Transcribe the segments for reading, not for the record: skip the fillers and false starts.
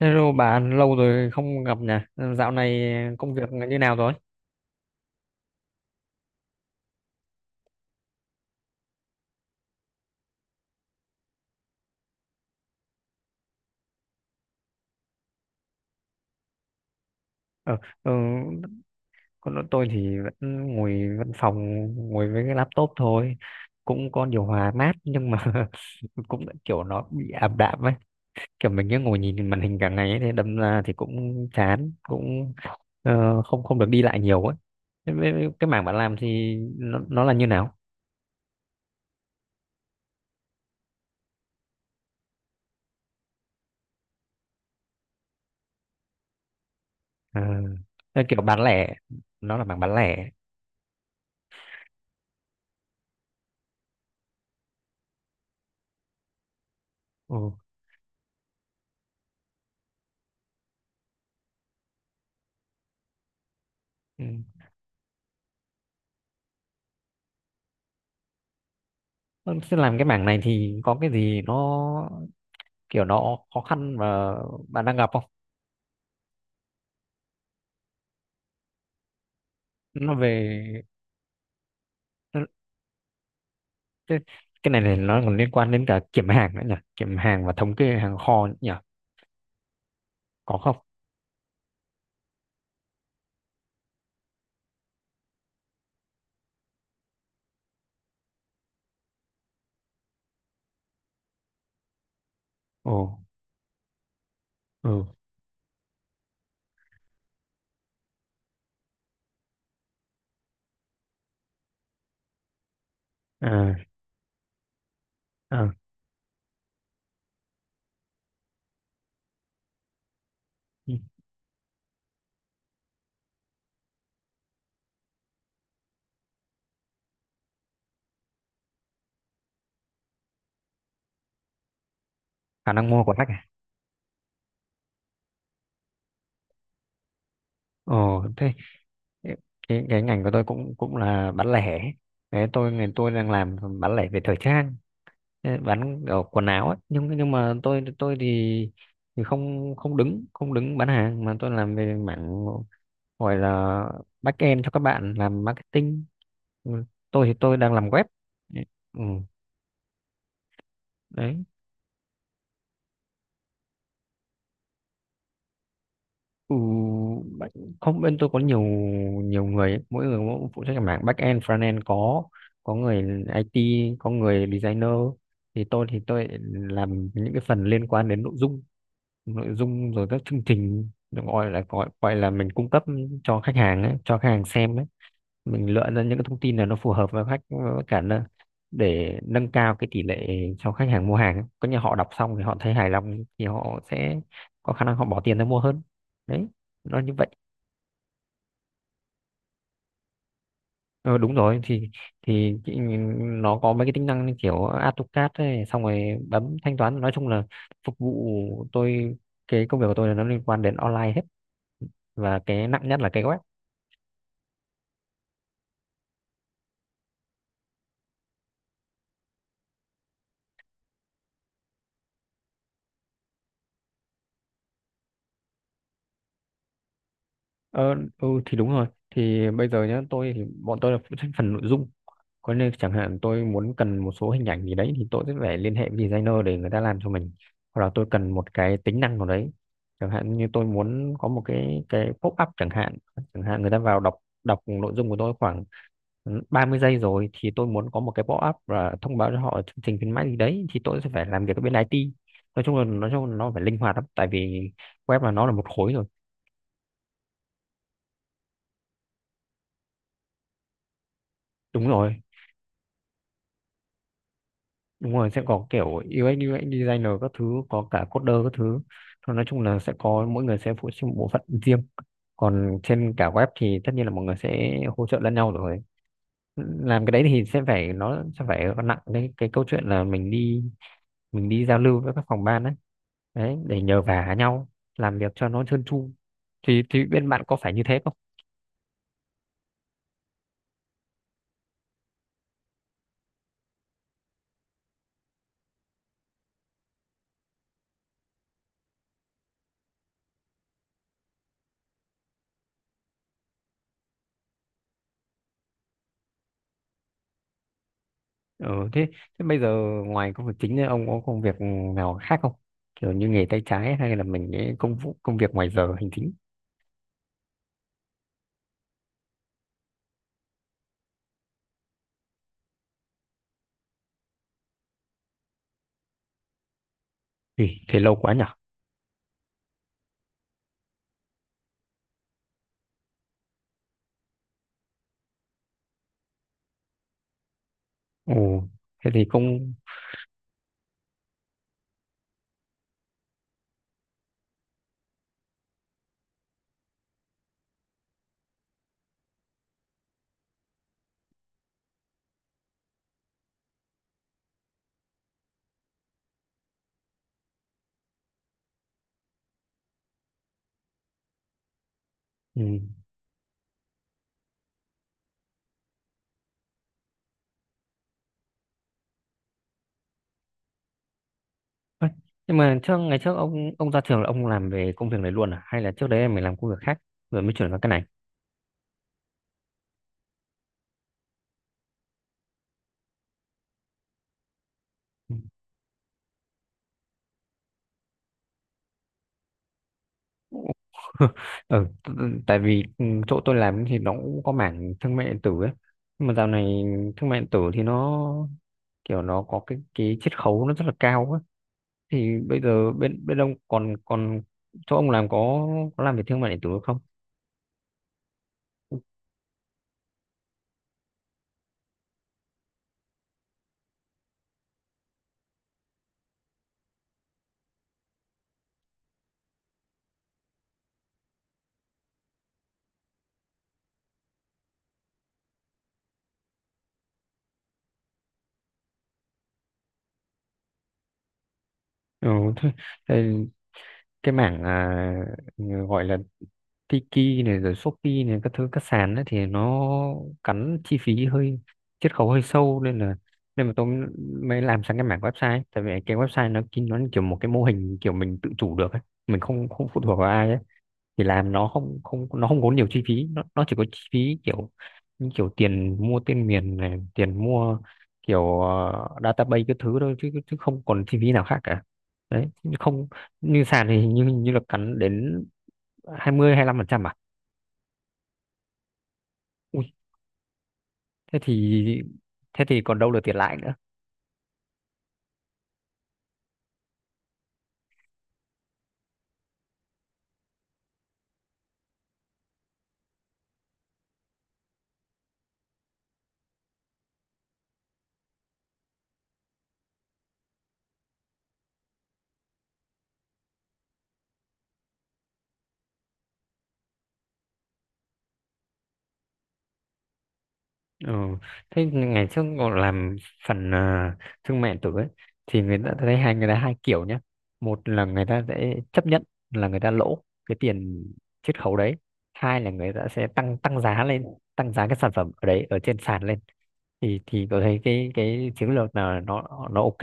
Hello bạn, lâu rồi không gặp nhỉ. Dạo này công việc như nào rồi? Ờ, ừ, còn tôi thì vẫn ngồi văn phòng, ngồi với cái laptop thôi. Cũng có điều hòa mát nhưng mà cũng kiểu nó bị ảm đạm ấy. Kiểu mình cứ ngồi nhìn màn hình cả ngày ấy, thì đâm ra thì cũng chán, cũng không không được đi lại nhiều ấy. Thế cái mảng bạn làm thì nó là như nào? À, thế kiểu bán lẻ, nó là mảng bán lẻ. Ừ, ừ. Vâng. Thế làm cái mảng này thì có cái gì nó kiểu nó khó khăn mà bạn đang gặp không? Nó về nó- cái, cái này này nó còn liên quan đến cả kiểm hàng nữa nhỉ? Kiểm hàng và thống kê hàng kho nhỉ? Có không? Ồ, ừ, à, à, khả năng mua của khách à? Ồ, thế cái ngành của tôi cũng cũng là bán lẻ. Thế ngành tôi đang làm bán lẻ về thời trang. Thế bán ở quần áo ấy. Nhưng mà tôi thì không không đứng không đứng bán hàng, mà tôi làm về mảng gọi là back end cho các bạn làm marketing. Ừ, tôi đang làm web, ừ, đấy. Ừ, back- không, bên tôi có nhiều nhiều người ấy. Mỗi người mỗi phụ trách cái mảng back end, front end, có người IT, có người designer. Tôi thì tôi làm những cái phần liên quan đến nội dung, nội dung rồi các chương trình được gọi là mình cung cấp cho khách hàng ấy, cho khách hàng xem ấy. Mình lựa ra những cái thông tin là nó phù hợp với khách, với cả để nâng cao cái tỷ lệ cho khách hàng mua hàng ấy. Có như họ đọc xong thì họ thấy hài lòng thì họ sẽ có khả năng họ bỏ tiền ra mua hơn. Đấy, nó như vậy. Ờ, đúng rồi, thì chị- nó có mấy cái tính năng như kiểu AutoCAD ấy, xong rồi bấm thanh toán, nói chung là phục vụ tôi. Cái công việc của tôi là nó liên quan đến online hết, và cái nặng nhất là cái web. Ờ, ừ thì đúng rồi, thì bây giờ nhá, tôi thì bọn tôi là phụ trách phần nội dung. Nên chẳng hạn tôi muốn cần một số hình ảnh gì đấy thì tôi sẽ phải liên hệ với designer để người ta làm cho mình, hoặc là tôi cần một cái tính năng nào đấy, chẳng hạn như tôi muốn có một cái pop up chẳng hạn. Chẳng hạn người ta vào đọc, đọc nội dung của tôi khoảng, ừ, 30 giây rồi thì tôi muốn có một cái pop up và thông báo cho họ chương trình khuyến mãi gì đấy thì tôi sẽ phải làm việc ở bên IT. Nói chung là nó phải linh hoạt lắm, tại vì web là nó là một khối rồi. Đúng rồi đúng rồi sẽ có kiểu UX UX designer các thứ, có cả coder các thứ. Thôi nói chung là sẽ có mỗi người sẽ phụ trách một bộ phận riêng, còn trên cả web thì tất nhiên là mọi người sẽ hỗ trợ lẫn nhau rồi. Làm cái đấy thì sẽ phải, nó sẽ phải nặng cái câu chuyện là mình đi giao lưu với các phòng ban đấy, đấy để nhờ vả nhau, làm việc cho nó trơn tru. Thì bên bạn có phải như thế. Ừ, thế bây giờ ngoài công việc chính ấy, ông có công việc nào khác không? Kiểu như nghề tay trái, hay là mình cái công vụ công việc ngoài giờ hành chính? Thì thế lâu quá nhỉ? Ồ, thế thì công, ừ. Ơ, nhưng mà trước, ngày trước ông ra trường là ông làm về công việc này luôn à? Hay là trước đấy em mới làm công việc khác rồi mới chuyển vào cái này? Ừ, tại vì, ừ, chỗ tôi làm thì nó cũng có mảng thương mại điện tử ấy, nhưng mà dạo này thương mại điện tử thì nó kiểu nó có cái chiết khấu nó rất là cao ấy. Thì bây giờ bên bên ông còn còn chỗ ông làm có làm về thương mại điện tử không? Ừ, thế, thế cái mảng, à, gọi là Tiki này rồi Shopee này các thứ các sàn ấy, thì nó cắn chi phí hơi, chiết khấu hơi sâu nên là, nên mà tôi mới làm sang cái mảng website. Tại vì cái website nó chính nó như kiểu một cái mô hình kiểu mình tự chủ được ấy. Mình không không phụ thuộc vào ai ấy. Thì làm nó không không nó không có nhiều chi phí, nó chỉ có chi phí kiểu như kiểu tiền mua tên miền này, tiền mua kiểu, ờ, database cái thứ thôi, chứ chứ không còn chi phí nào khác cả. Đấy, nhưng không như sàn thì hình như là cắn đến hai hai mươi lăm phần trăm à? Ui, thế thì, thế thì còn đâu là tiền lãi nữa. Ừ. Thế ngày trước cậu làm phần, à, thương mại điện tử ấy, thì người ta thấy người ta hai kiểu nhé. Một là người ta sẽ chấp nhận là người ta lỗ cái tiền chiết khấu đấy, hai là người ta sẽ tăng tăng giá lên, tăng giá cái sản phẩm ở đấy ở trên sàn lên. Thì cậu thấy cái chiến lược là nó ok.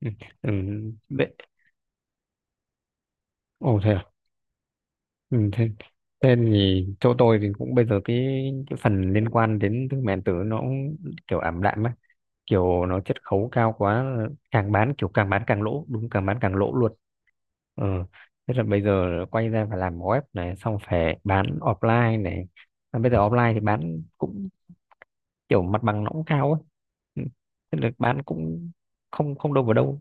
Ừ. Ừ. Vậy- Ồ, thế à? Ừ, thế thì chỗ tôi thì cũng bây giờ cái phần liên quan đến thương mại điện tử nó cũng kiểu ảm đạm ấy. Kiểu nó chiết khấu cao quá, càng bán kiểu càng bán càng lỗ, đúng, càng bán càng lỗ luôn. Ừ. Thế là bây giờ quay ra phải làm web này, xong phải bán offline này, mà bây giờ offline thì bán cũng kiểu mặt bằng nó cũng cao ấy. Ừ. Thế là bán cũng không không đâu vào đâu.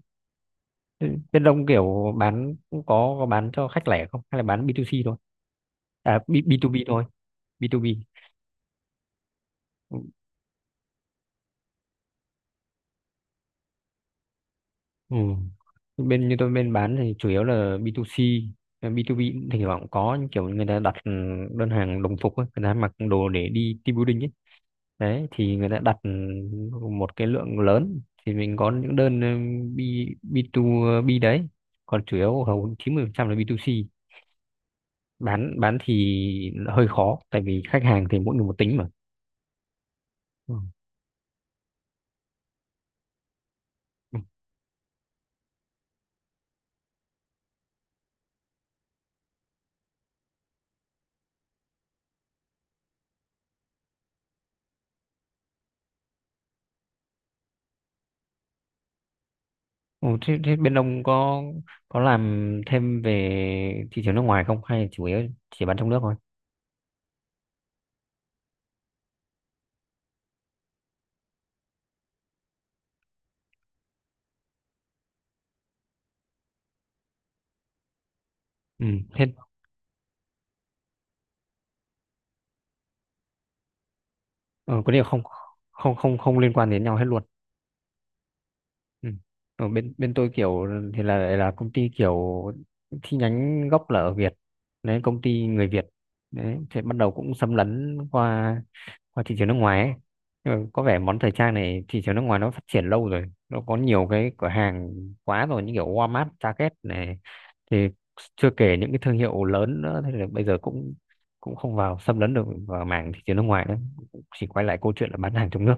Thế bên đông kiểu bán cũng có bán cho khách lẻ không hay là bán B2C thôi, à B, B2B thôi. B2B. Ừ. Bên như tôi bên bán thì chủ yếu là B2C, à, B2B cũng thỉnh thoảng cũng có những kiểu người ta đặt, ừ, đơn hàng đồng phục ấy, người ta mặc đồ để đi team building ấy. Đấy thì người ta đặt, ừ, một cái lượng lớn thì mình có những đơn, ừ, B B2B đấy. Còn chủ yếu hầu 90% là B2C. Bán thì hơi khó tại vì khách hàng thì mỗi người một tính mà. Ừ. Ừ, thế bên ông có làm thêm về thị trường nước ngoài không, hay chủ yếu chỉ bán trong nước thôi? Ừ, hết. Ờ, có điều không, không liên quan đến nhau hết luôn. Ừ. Ở bên bên tôi kiểu thì là công ty kiểu chi nhánh gốc là ở Việt, đấy, công ty người Việt. Đấy thì bắt đầu cũng xâm lấn qua qua thị trường nước ngoài ấy. Nhưng mà có vẻ món thời trang này thị trường nước ngoài nó phát triển lâu rồi, nó có nhiều cái cửa hàng quá rồi, như kiểu Walmart, Target này, thì chưa kể những cái thương hiệu lớn nữa. Thế là bây giờ cũng cũng không vào xâm lấn được vào mảng thị trường nước ngoài nữa, chỉ quay lại câu chuyện là bán hàng trong nước.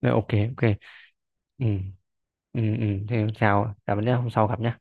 Rồi, ok. Ok. Ừ, ừ, ừ. Thế sao, cảm ơn, hôm sau gặp nhé.